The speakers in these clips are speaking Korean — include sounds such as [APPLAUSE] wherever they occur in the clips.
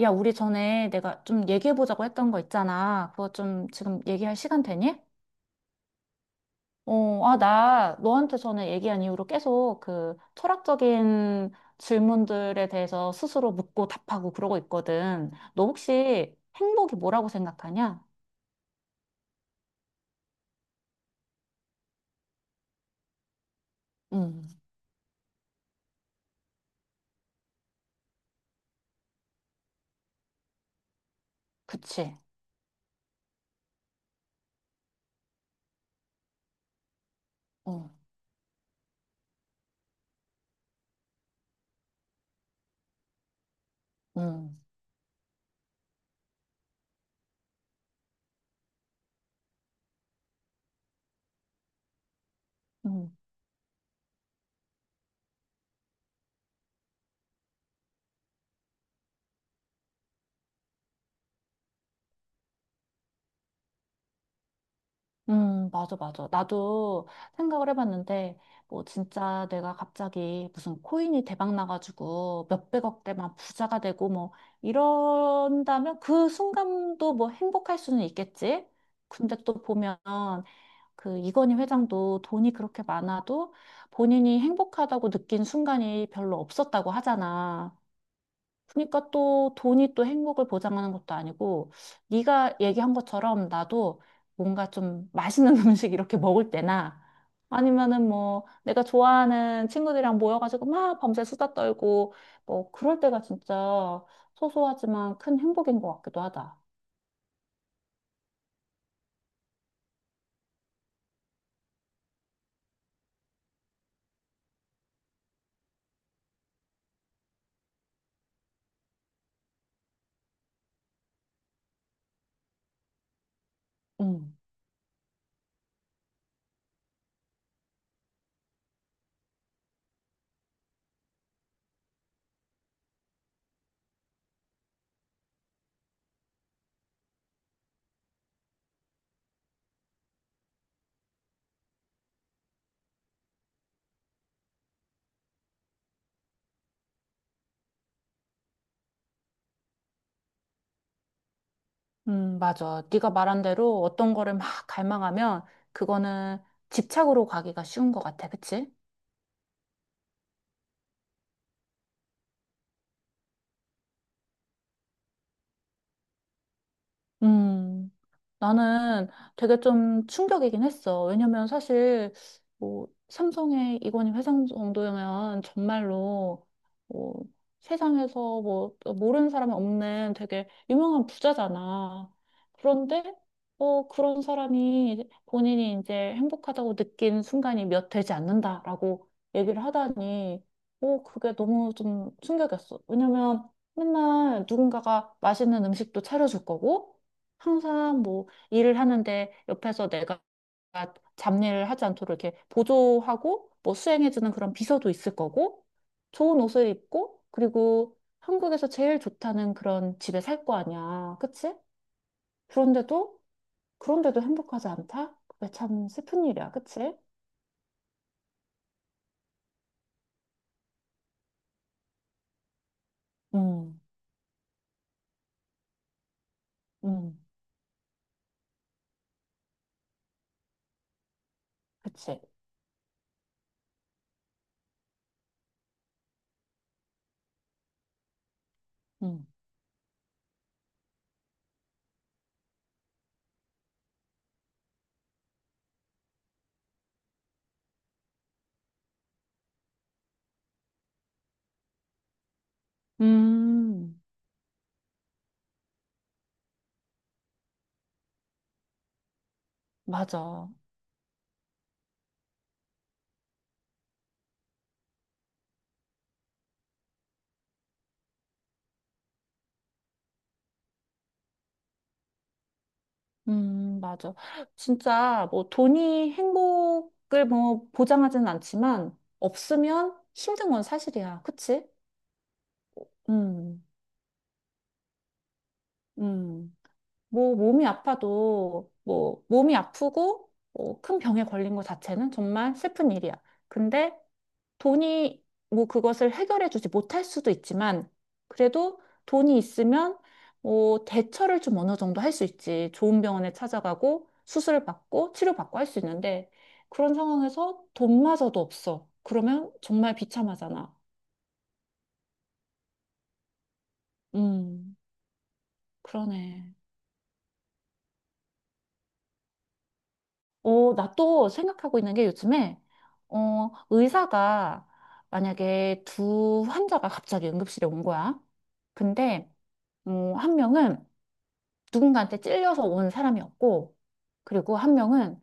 야, 우리 전에 내가 좀 얘기해보자고 했던 거 있잖아. 그거 좀 지금 얘기할 시간 되니? 나 너한테 전에 얘기한 이후로 계속 그 철학적인 질문들에 대해서 스스로 묻고 답하고 그러고 있거든. 너 혹시 행복이 뭐라고 생각하냐? 음, 그치. 어, 음, 음. 맞아, 맞아. 나도 생각을 해봤는데, 뭐, 진짜 내가 갑자기 무슨 코인이 대박 나가지고 몇백억대만 부자가 되고 뭐, 이런다면 그 순간도 뭐 행복할 수는 있겠지? 근데 또 보면 그 이건희 회장도 돈이 그렇게 많아도 본인이 행복하다고 느낀 순간이 별로 없었다고 하잖아. 그러니까 또 돈이 또 행복을 보장하는 것도 아니고 네가 얘기한 것처럼 나도 뭔가 좀 맛있는 [LAUGHS] 음식 이렇게 먹을 때나 아니면은 뭐 내가 좋아하는 친구들이랑 모여가지고 막 밤새 수다 떨고 뭐 그럴 때가 진짜 소소하지만 큰 행복인 것 같기도 하다. 음, 맞아. 네가 말한 대로 어떤 거를 막 갈망하면 그거는 집착으로 가기가 쉬운 것 같아. 그치? 음. 나는 되게 좀 충격이긴 했어. 왜냐면 사실 뭐 삼성의 이건희 회장 정도면 정말로 뭐 세상에서 뭐 모르는 사람이 없는 되게 유명한 부자잖아. 그런데 그런 사람이 본인이 이제 행복하다고 느낀 순간이 몇 되지 않는다라고 얘기를 하다니 그게 너무 좀 충격이었어. 왜냐면 맨날 누군가가 맛있는 음식도 차려줄 거고 항상 뭐 일을 하는데 옆에서 내가 잡일을 하지 않도록 이렇게 보조하고 뭐 수행해주는 그런 비서도 있을 거고 좋은 옷을 입고 그리고 한국에서 제일 좋다는 그런 집에 살 거 아니야. 그치? 그런데도 그런데도 행복하지 않다? 그게 참 슬픈 일이야. 그치? 음, 음, 그치? 음, 음, 맞아. 맞아. 진짜 뭐 돈이 행복을 뭐 보장하지는 않지만 없으면 힘든 건 사실이야. 그치? 음, 음. 뭐 몸이 아파도 뭐 몸이 아프고 뭐 큰 병에 걸린 것 자체는 정말 슬픈 일이야. 근데 돈이 뭐 그것을 해결해 주지 못할 수도 있지만 그래도 돈이 있으면 뭐 대처를 좀 어느 정도 할 수 있지. 좋은 병원에 찾아가고 수술을 받고 치료받고 할 수 있는데 그런 상황에서 돈마저도 없어. 그러면 정말 비참하잖아. 음, 그러네. 나 또 생각하고 있는 게 요즘에 의사가 만약에 두 환자가 갑자기 응급실에 온 거야. 근데 한 명은 누군가한테 찔려서 온 사람이었고, 그리고 한 명은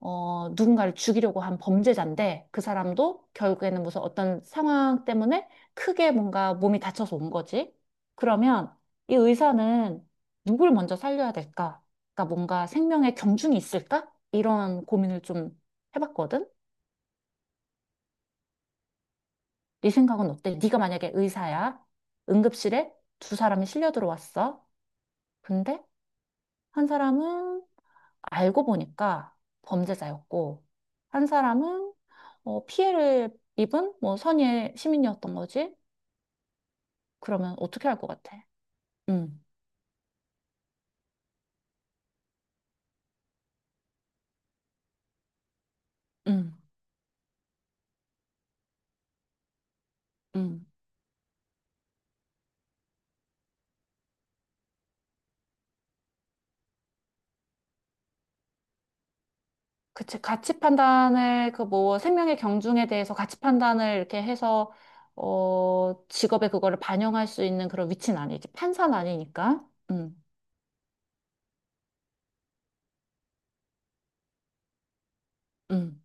누군가를 죽이려고 한 범죄자인데, 그 사람도 결국에는 무슨 어떤 상황 때문에 크게 뭔가 몸이 다쳐서 온 거지. 그러면 이 의사는 누굴 먼저 살려야 될까? 그러니까 뭔가 생명의 경중이 있을까? 이런 고민을 좀 해봤거든. 네 생각은 어때? 네가 만약에 의사야. 응급실에 두 사람이 실려 들어왔어. 근데 한 사람은 알고 보니까 범죄자였고, 한 사람은 피해를 입은 뭐 선의의 시민이었던 거지? 그러면 어떻게 할 것 같아? 음, 음, 음. 그치. 가치 판단을, 그 뭐, 생명의 경중에 대해서 가치 판단을 이렇게 해서, 직업에 그거를 반영할 수 있는 그런 위치는 아니지. 판사는 아니니까. 음,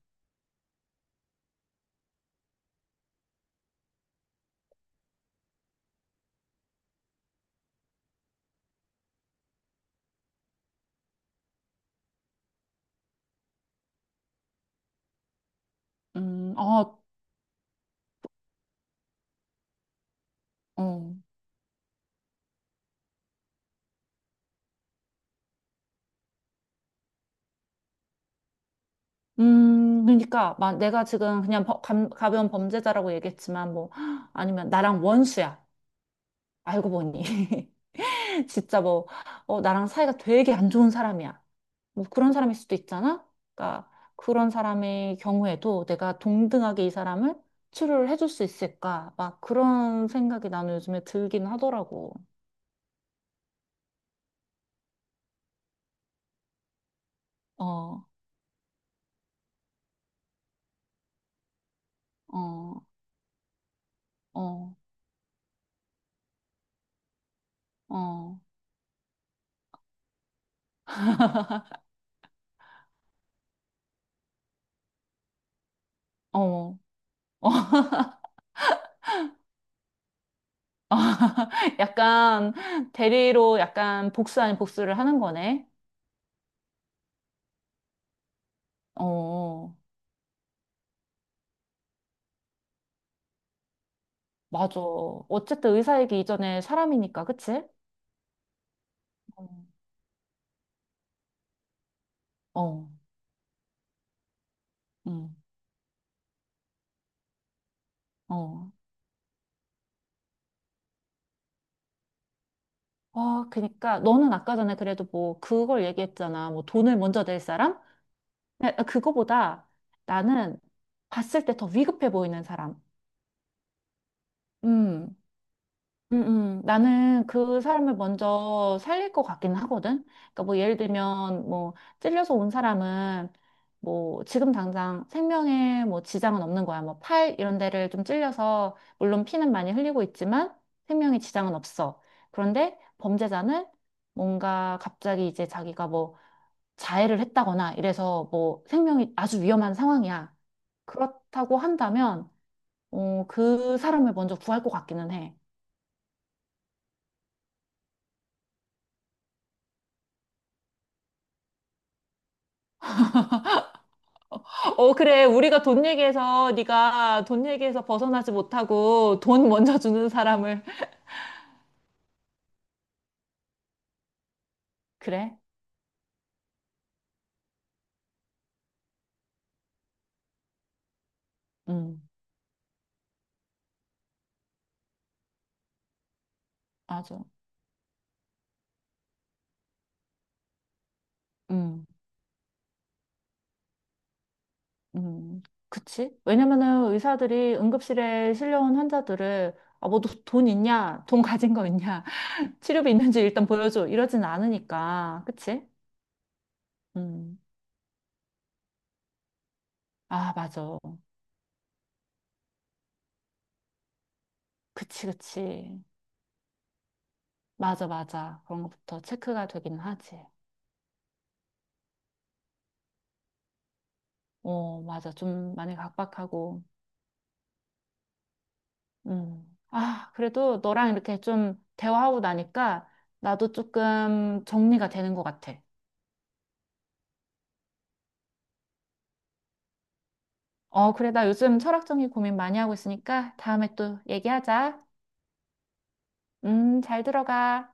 어, 어. 그러니까 막 내가 지금 그냥 가벼운 범죄자라고 얘기했지만 뭐 [GASPS] 아니면 나랑 원수야. 알고 보니 [LAUGHS] 진짜 뭐 나랑 사이가 되게 안 좋은 사람이야. 뭐 그런 사람일 수도 있잖아. 그러니까 그런 사람의 경우에도 내가 동등하게 이 사람을 치료를 해줄 수 있을까? 막 그런 생각이 나는 요즘에 들긴 하더라고. 어, 어, 어, 어, [LAUGHS] 어. 어, [LAUGHS] 약간 대리로 약간 복수 아닌 복수를 하는 거네. 어, 맞아. 어쨌든 의사이기 이전에 사람이니까, 그치? 어, 어, 응, 어. 아, 그니까 너는 아까 전에 그래도 뭐 그걸 얘기했잖아. 뭐 돈을 먼저 낼 사람? 근데 그거보다 나는 봤을 때 더 위급해 보이는 사람. 음, 음, 나는 그 사람을 먼저 살릴 것 같긴 하거든. 그러니까 뭐 예를 들면 뭐 찔려서 온 사람은 뭐 지금 당장 생명에 뭐 지장은 없는 거야. 뭐 팔 이런 데를 좀 찔려서 물론 피는 많이 흘리고 있지만 생명에 지장은 없어. 그런데 범죄자는 뭔가 갑자기 이제 자기가 뭐 자해를 했다거나 이래서 뭐 생명이 아주 위험한 상황이야. 그렇다고 한다면 그 사람을 먼저 구할 것 같기는 해. 어, 그래. 우리가 돈 얘기해서 네가 돈 얘기해서 벗어나지 못하고 돈 먼저 주는 사람을. 그래. 음, 맞아. 음, 음. 그치? 왜냐면은 의사들이 응급실에 실려온 환자들을 아, 뭐돈 있냐? 돈 가진 거 있냐? [LAUGHS] 치료비 있는지 일단 보여줘. 이러진 않으니까. 그치? 음. 아, 맞아. 그치, 그치. 맞아, 맞아. 그런 것부터 체크가 되긴 하지. 어, 맞아. 좀 많이 각박하고. 음. 아, 그래도 너랑 이렇게 좀 대화하고 나니까 나도 조금 정리가 되는 것 같아. 어, 그래. 나 요즘 철학적인 고민 많이 하고 있으니까 다음에 또 얘기하자. 잘 들어가.